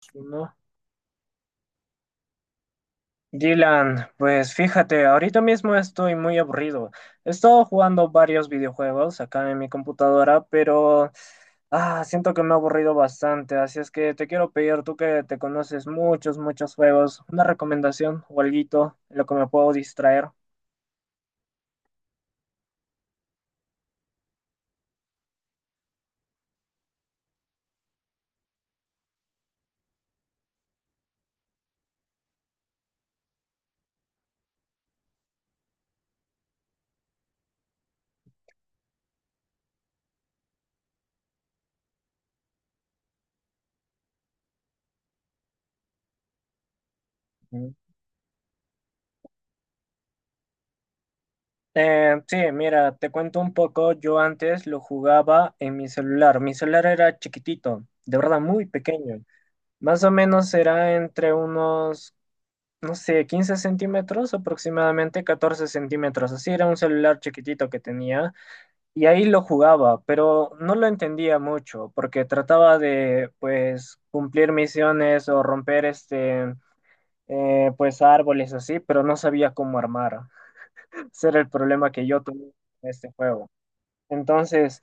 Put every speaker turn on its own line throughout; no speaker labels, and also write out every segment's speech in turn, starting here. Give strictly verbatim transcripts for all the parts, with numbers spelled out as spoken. Si No. Dylan, pues fíjate, ahorita mismo estoy muy aburrido. He estado jugando varios videojuegos acá en mi computadora, pero ah, siento que me he aburrido bastante, así es que te quiero pedir, tú que te conoces muchos, muchos juegos, una recomendación o alguito, en lo que me puedo distraer. Ujú. Eh, sí, mira, te cuento un poco, yo antes lo jugaba en mi celular, mi celular era chiquitito, de verdad muy pequeño, más o menos era entre unos no sé, quince centímetros, aproximadamente catorce centímetros. Así era un celular chiquitito que tenía y ahí lo jugaba, pero no lo entendía mucho porque trataba de, pues, cumplir misiones o romper este, eh, pues, árboles así, pero no sabía cómo armar. Ese era el problema que yo tuve en este juego. Entonces,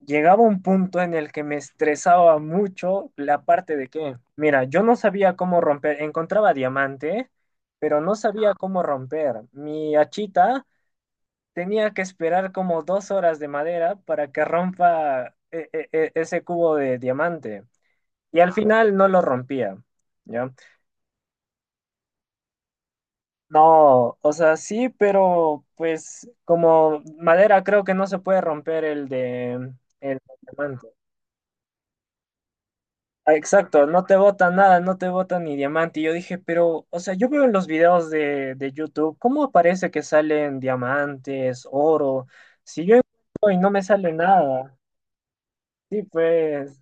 llegaba un punto en el que me estresaba mucho la parte de que, mira, yo no sabía cómo romper, encontraba diamante, pero no sabía cómo romper. Mi hachita tenía que esperar como dos horas de madera para que rompa e- e- e- ese cubo de diamante. Y al final no lo rompía. ¿Ya? No, o sea, sí, pero pues como madera creo que no se puede romper el de el diamante. Ah, exacto, no te botan nada, no te botan ni diamante. Y yo dije, pero, o sea, yo veo en los videos de, de YouTube, ¿cómo aparece que salen diamantes, oro? Si yo encuentro y no me sale nada. Sí, pues,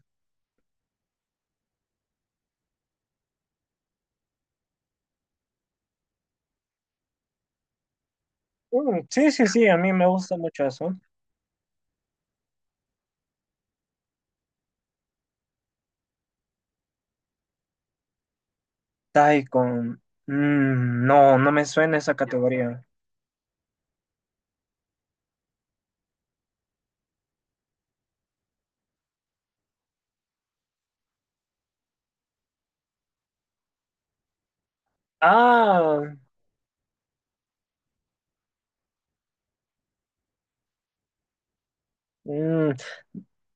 mm, sí, sí, sí, a mí me gusta mucho eso. Taikon, mm, no, no me suena esa categoría. Ah, mm,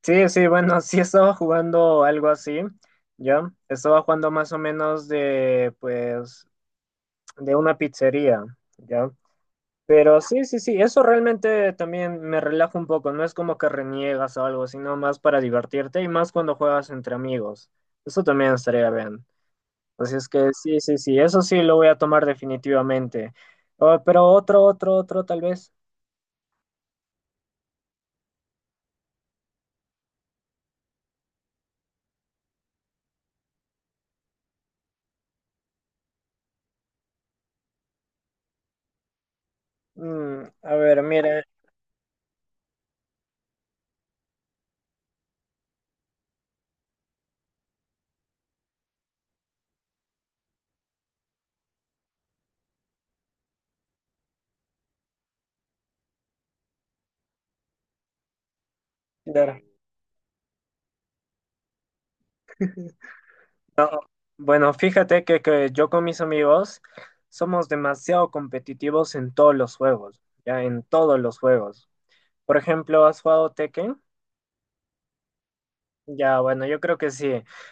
sí, sí, bueno, sí estaba jugando algo así, ¿ya? Estaba jugando más o menos de, pues, de una pizzería. ¿Ya? Pero sí, sí, sí, eso realmente también me relaja un poco, no es como que reniegas o algo, sino más para divertirte y más cuando juegas entre amigos. Eso también estaría bien. Así es que sí, sí, sí, eso sí lo voy a tomar definitivamente. Oh, pero otro, otro, otro tal vez. Mm, a ver, mira, mira. Bueno, fíjate que, que yo con mis amigos somos demasiado competitivos en todos los juegos, ya en todos los juegos. Por ejemplo, ¿has jugado Tekken? Ya, bueno, yo creo que sí.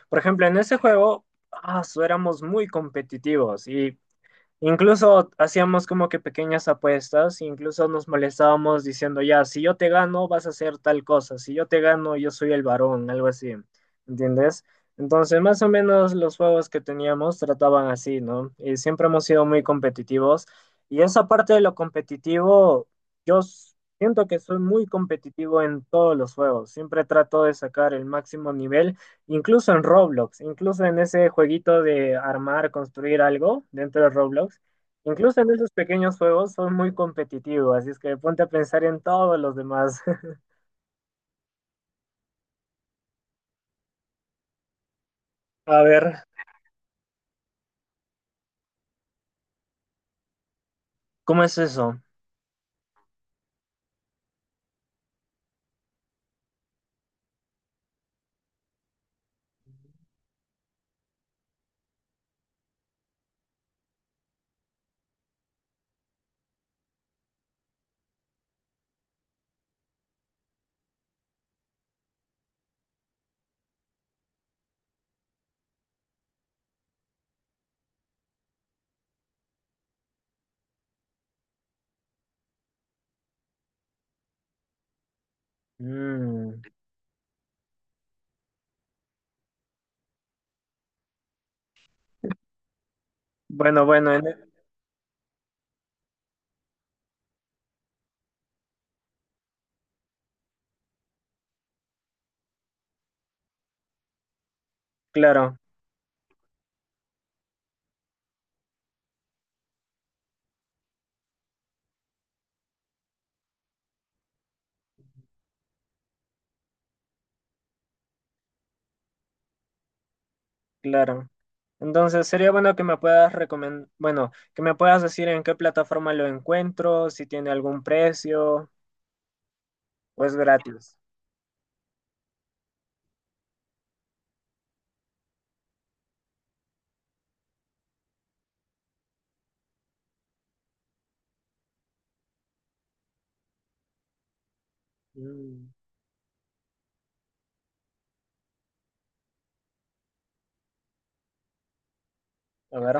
Por ejemplo, en ese juego, ah, su, éramos muy competitivos y incluso hacíamos como que pequeñas apuestas, incluso nos molestábamos diciendo, ya, si yo te gano, vas a hacer tal cosa, si yo te gano, yo soy el varón, algo así, ¿entiendes? Entonces, más o menos los juegos que teníamos trataban así, ¿no? Y siempre hemos sido muy competitivos. Y esa parte de lo competitivo, yo s- siento que soy muy competitivo en todos los juegos, siempre trato de sacar el máximo nivel. Incluso en Roblox, incluso en ese jueguito de armar, construir algo dentro de Roblox, incluso en esos pequeños juegos son muy competitivos, así es que ponte a pensar en todos los demás. A ver, ¿cómo es eso? Mm, bueno, bueno, en- e, claro, claro. Entonces, sería bueno que me puedas recomendar, bueno, que me puedas decir en qué plataforma lo encuentro, si tiene algún precio o es gratis. Mm, a ver,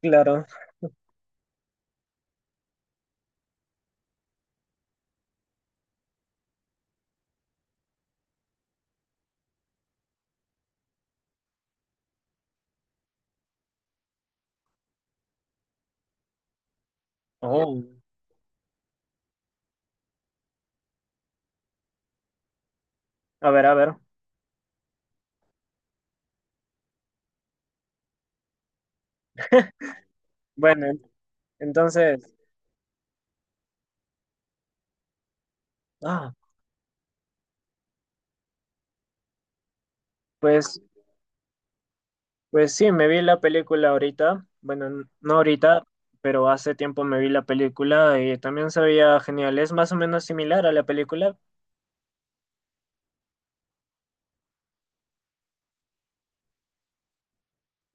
claro. Oh, a ver, a ver. Bueno, entonces, ah, pues, pues, sí, me vi la película ahorita. Bueno, n- no ahorita, pero hace tiempo me vi la película y también se veía genial. Es más o menos similar a la película.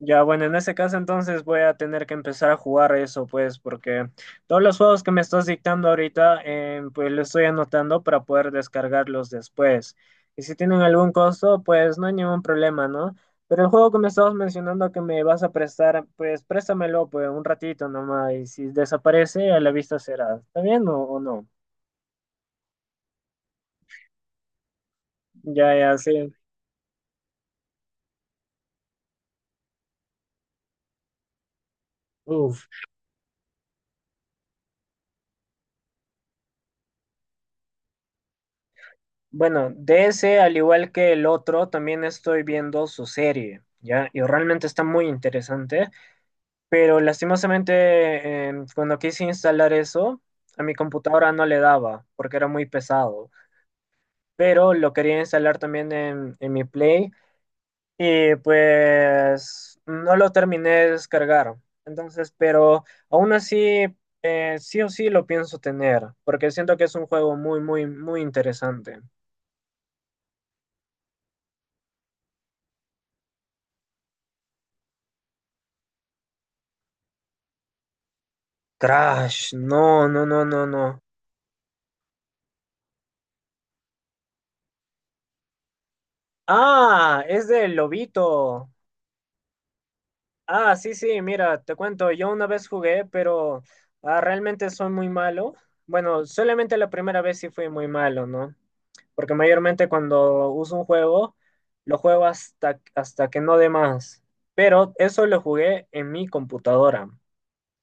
Ya, bueno, en ese caso entonces voy a tener que empezar a jugar eso, pues, porque todos los juegos que me estás dictando ahorita, eh, pues los estoy anotando para poder descargarlos después. Y si tienen algún costo, pues no hay ningún problema, ¿no? Pero el juego que me estabas mencionando que me vas a prestar, pues préstamelo, pues, un ratito nomás, y si desaparece, a la vista será. ¿Está bien o, o no? Ya, ya, sí. Uf. Bueno, de ese, al igual que el otro, también estoy viendo su serie, ¿ya? Y realmente está muy interesante, pero lastimosamente em, cuando quise instalar eso, a mi computadora no le daba porque era muy pesado, pero lo quería instalar también en, en mi Play y pues no lo terminé de descargar. Entonces, pero aún así, eh, sí o sí lo pienso tener, porque siento que es un juego muy, muy, muy interesante. Crash, no, no, no, no, no. Ah, es del Lobito. Ah, sí, sí, mira, te cuento, yo una vez jugué, pero ah, realmente soy muy malo. Bueno, solamente la primera vez sí fui muy malo, ¿no? Porque mayormente cuando uso un juego, lo juego hasta, hasta que no dé más. Pero eso lo jugué en mi computadora.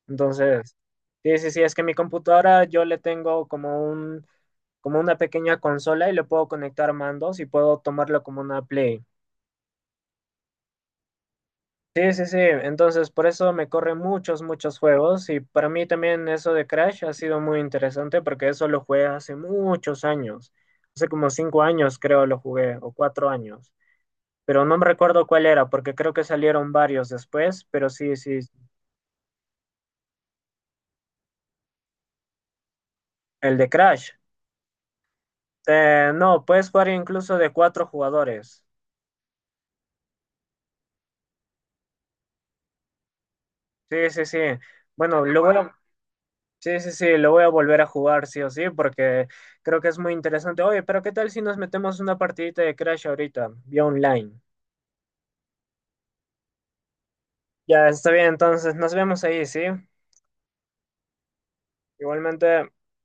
Entonces, sí, sí, sí, es que mi computadora yo le tengo como un como una pequeña consola y le puedo conectar mandos y puedo tomarlo como una Play. Sí, sí, sí. Entonces, por eso me corre muchos, muchos juegos. Y para mí también eso de Crash ha sido muy interesante porque eso lo jugué hace muchos años. Hace como cinco años creo lo jugué, o cuatro años. Pero no me recuerdo cuál era porque creo que salieron varios después. Pero sí, sí, el de Crash. Eh, no, puedes jugar incluso de cuatro jugadores. Sí, sí, sí. Bueno, luego. Sí, sí, sí, lo voy a volver a jugar, sí o sí, porque creo que es muy interesante. Oye, pero ¿qué tal si nos metemos una partidita de Crash ahorita, vía online? Ya, está bien, entonces nos vemos ahí, ¿sí? Igualmente.